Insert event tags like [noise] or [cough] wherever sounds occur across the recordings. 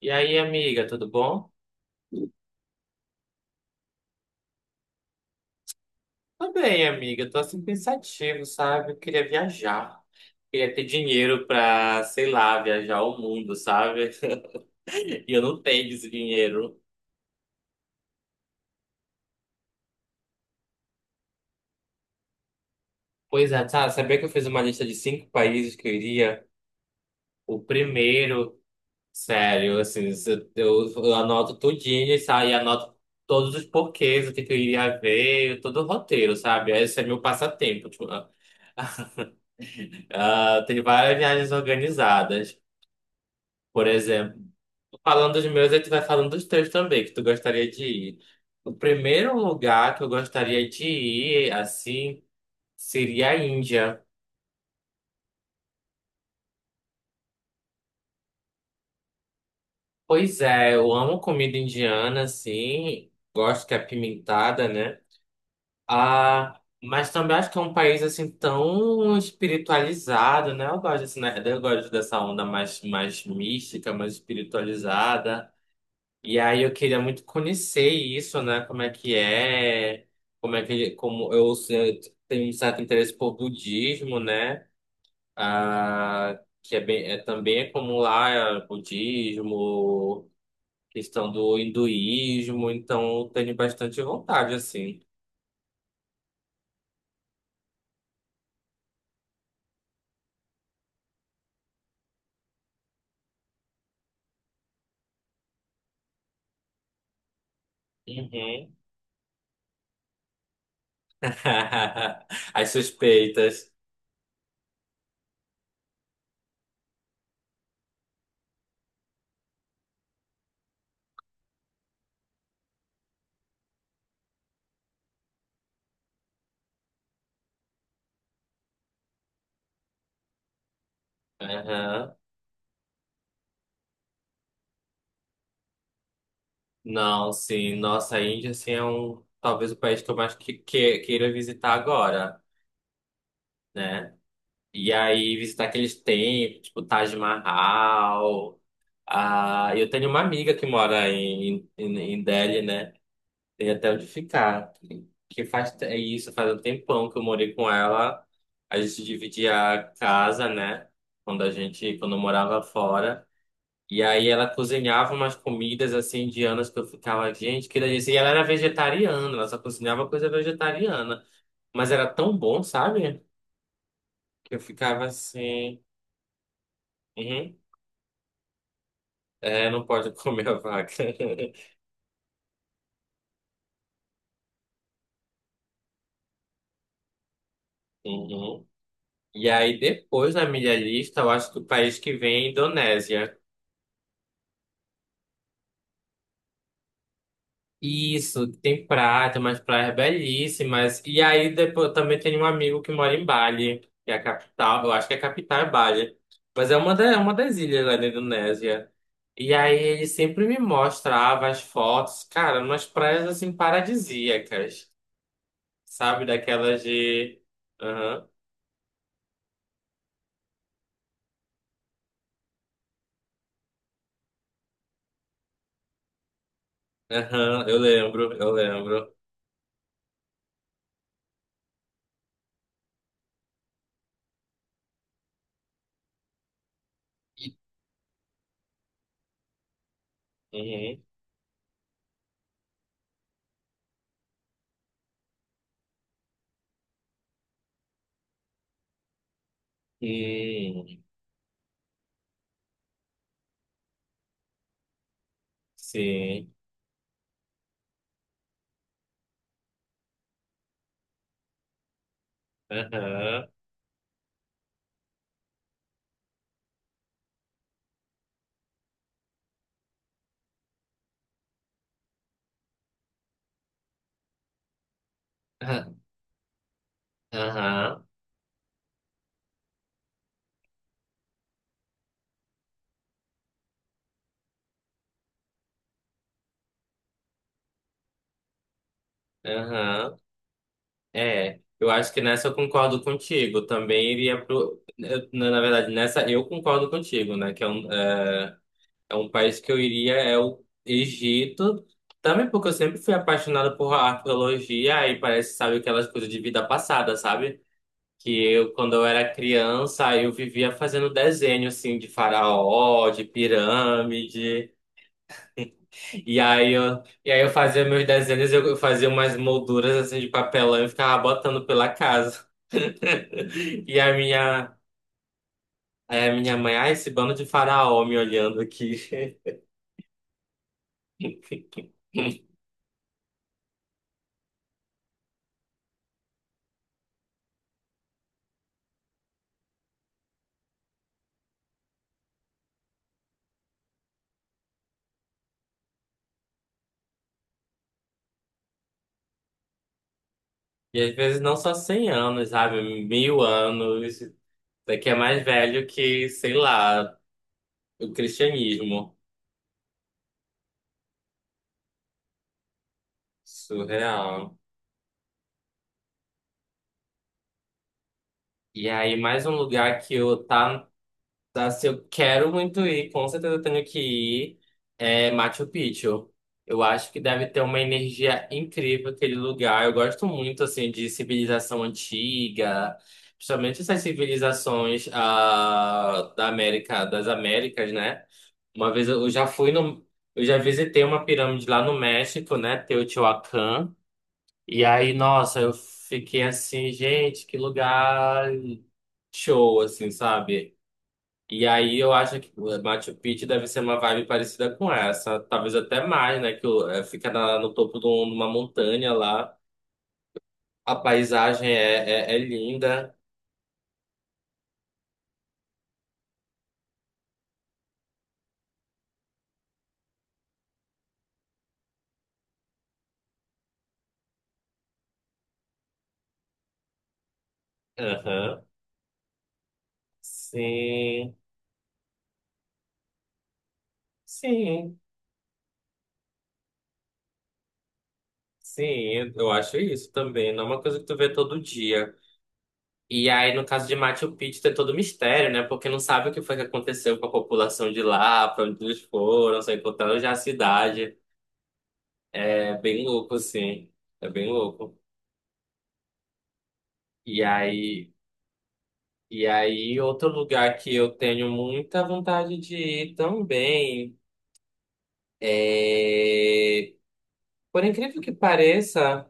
E aí, amiga, tudo bom? Tô bem, amiga. Tô assim pensativo, sabe? Eu queria viajar. Queria ter dinheiro pra, sei lá, viajar o mundo, sabe? [laughs] E eu não tenho esse dinheiro. Pois é, tá. Sabia que eu fiz uma lista de cinco países que eu iria? O primeiro, sério, assim, eu anoto tudinho e sabe? E anoto todos os porquês, o que, que eu iria ver, todo o roteiro, sabe? Esse é meu passatempo. Tipo, ah, tem várias viagens organizadas. Por exemplo. Falando dos meus, a gente vai falando dos teus também, que tu gostaria de ir. O primeiro lugar que eu gostaria de ir, assim, seria a Índia. Pois é, eu amo comida indiana, assim, gosto que é pimentada, né? Ah, mas também acho que é um país, assim, tão espiritualizado, né? Eu gosto, assim, né? Eu gosto dessa onda mais mística, mais espiritualizada. E aí eu queria muito conhecer isso, né? Como é que é, como é que, como eu tenho um certo interesse por budismo, né? Ah, que é bem, é, também é como lá é budismo, questão do hinduísmo, então eu tenho bastante vontade, assim. Uhum. [laughs] As suspeitas. Aham. Não, sim, nossa, a Índia, assim, é um, talvez o país que eu mais queira visitar agora, né? E aí visitar aqueles templos, tipo Taj Mahal. Ah, eu tenho uma amiga que mora em Delhi, né? Tem até onde ficar. Que isso, faz um tempão que eu morei com ela. A gente dividia a casa, né? Quando a gente, quando eu morava fora. E aí ela cozinhava umas comidas assim indianas que eu ficava, gente, que delícia. E ela era vegetariana, ela só cozinhava coisa vegetariana. Mas era tão bom, sabe? Que eu ficava assim. Uhum. É, não pode [laughs] comer a vaca. [laughs] Uhum. E aí, depois na minha lista, eu acho que o país que vem é a Indonésia. Isso, tem praia, tem umas praias belíssimas. E aí, depois, eu também tenho um amigo que mora em Bali, que é a capital. Eu acho que é a capital é Bali. Mas é é uma das ilhas lá da Indonésia. E aí, ele sempre me mostrava as fotos, cara, umas praias assim paradisíacas, sabe? Daquelas de. Aham, aham, eu lembro. Uhum. Hum, sim. Aham. Ah, aham. Aham. É. Eu acho que nessa eu concordo contigo. Também iria pro. Na verdade, nessa eu concordo contigo, né? Que é um, é um país que eu iria, é o Egito. Também porque eu sempre fui apaixonado por arqueologia e parece, sabe, aquelas coisas de vida passada, sabe? Que eu, quando eu era criança, eu vivia fazendo desenho, assim, de faraó, de pirâmide. E aí eu fazia meus desenhos, eu fazia umas molduras assim de papelão e ficava botando pela casa. [laughs] E a minha, aí a minha mãe, ah, esse bando de faraó me olhando aqui. [laughs] E às vezes não só 100 anos, sabe? Mil anos. Isso aqui é mais velho que, sei lá, o cristianismo. Surreal. E aí mais um lugar que eu tá tá, se eu quero muito ir, com certeza eu tenho que ir. É Machu Picchu. Eu acho que deve ter uma energia incrível aquele lugar. Eu gosto muito assim de civilização antiga, principalmente essas civilizações ah, da América, das Américas, né? Uma vez eu já fui no, eu já visitei uma pirâmide lá no México, né? Teotihuacan. E aí, nossa, eu fiquei assim, gente, que lugar show, assim, sabe? E aí eu acho que o Machu Picchu deve ser uma vibe parecida com essa, talvez até mais, né? É, fica no topo de uma montanha lá, a paisagem é linda. Aham. Sim, sim, sim, eu acho isso também. Não é uma coisa que tu vê todo dia. E aí, no caso de Machu Picchu, tem todo o mistério, né? Porque não sabe o que foi que aconteceu com a população de lá, pra onde eles foram, só encontraram já a cidade. É bem louco, assim. É bem louco. E aí. E aí, outro lugar que eu tenho muita vontade de ir também é, por incrível que pareça,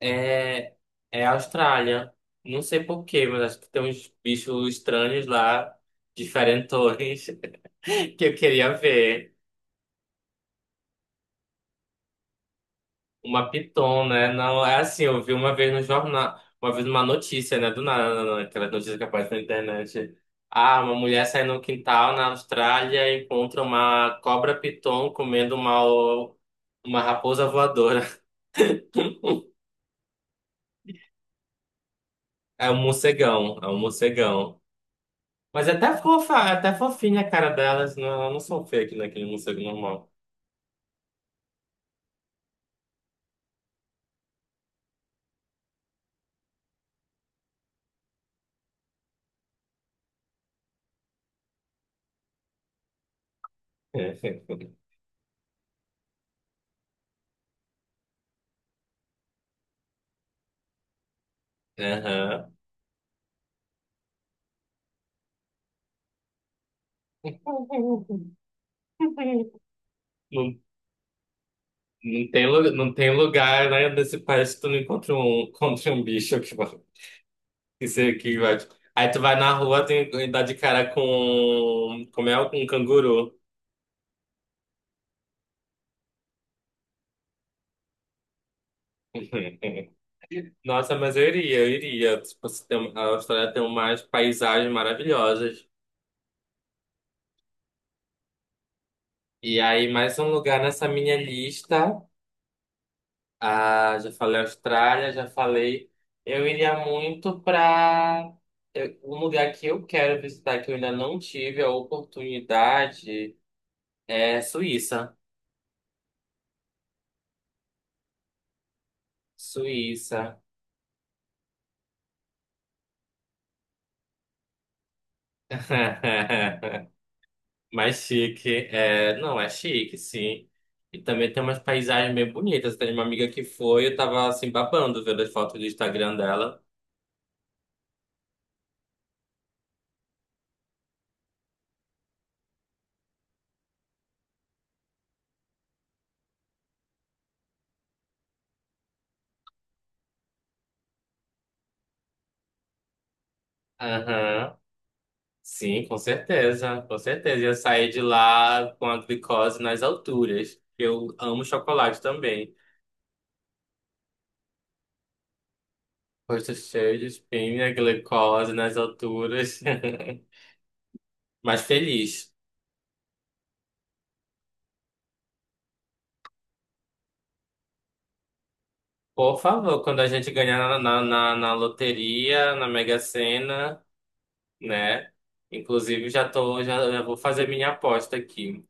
é, é a Austrália. Não sei por quê, mas acho que tem uns bichos estranhos lá, diferentões, [laughs] que eu queria ver. Uma piton, né? Não, é assim, eu vi uma vez no jornal, uma vez numa notícia, né? Do nada, aquelas notícias que aparece na internet. Ah, uma mulher sai no quintal na Austrália e encontra uma cobra piton comendo uma raposa voadora. [laughs] É um morcegão. Mas é até fofa, é até fofinha a cara delas, não, elas não são fake naquele morcego normal. [laughs] Aham. [laughs] Não não tem, não tem lugar, né, nesse país que tu não encontra um, [laughs] encontra um bicho que vai, que se- que vai. Aí tu vai na rua tem, e dá de cara com, como é, um canguru. [laughs] Nossa, mas eu iria. Tipo, se tem- a Austrália tem umas paisagens maravilhosas. E aí, mais um lugar nessa minha lista. Ah, já falei Austrália, já falei. Eu iria muito para um lugar que eu quero visitar, que eu ainda não tive a oportunidade. É Suíça. Suíça. [laughs] Mais chique. É, não, é chique, sim. E também tem umas paisagens bem bonitas. Tem uma amiga que foi, eu tava assim babando vendo as fotos do Instagram dela. Aham. Sim, com certeza, com certeza. Eu saí de lá com a glicose nas alturas. Eu amo chocolate também. Rosto cheio de espinha, glicose nas alturas. [laughs] Mas feliz. Por favor, quando a gente ganhar na loteria, na Mega Sena, né? Inclusive, já vou fazer minha aposta aqui.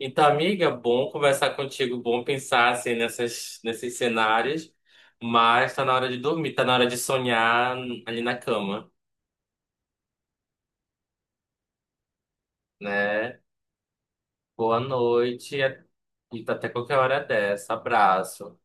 Então, amiga, bom conversar contigo, bom pensar assim nessas, nesses cenários, mas tá na hora de dormir, tá na hora de sonhar ali na cama, né? Boa noite e até qualquer hora dessa. Abraço.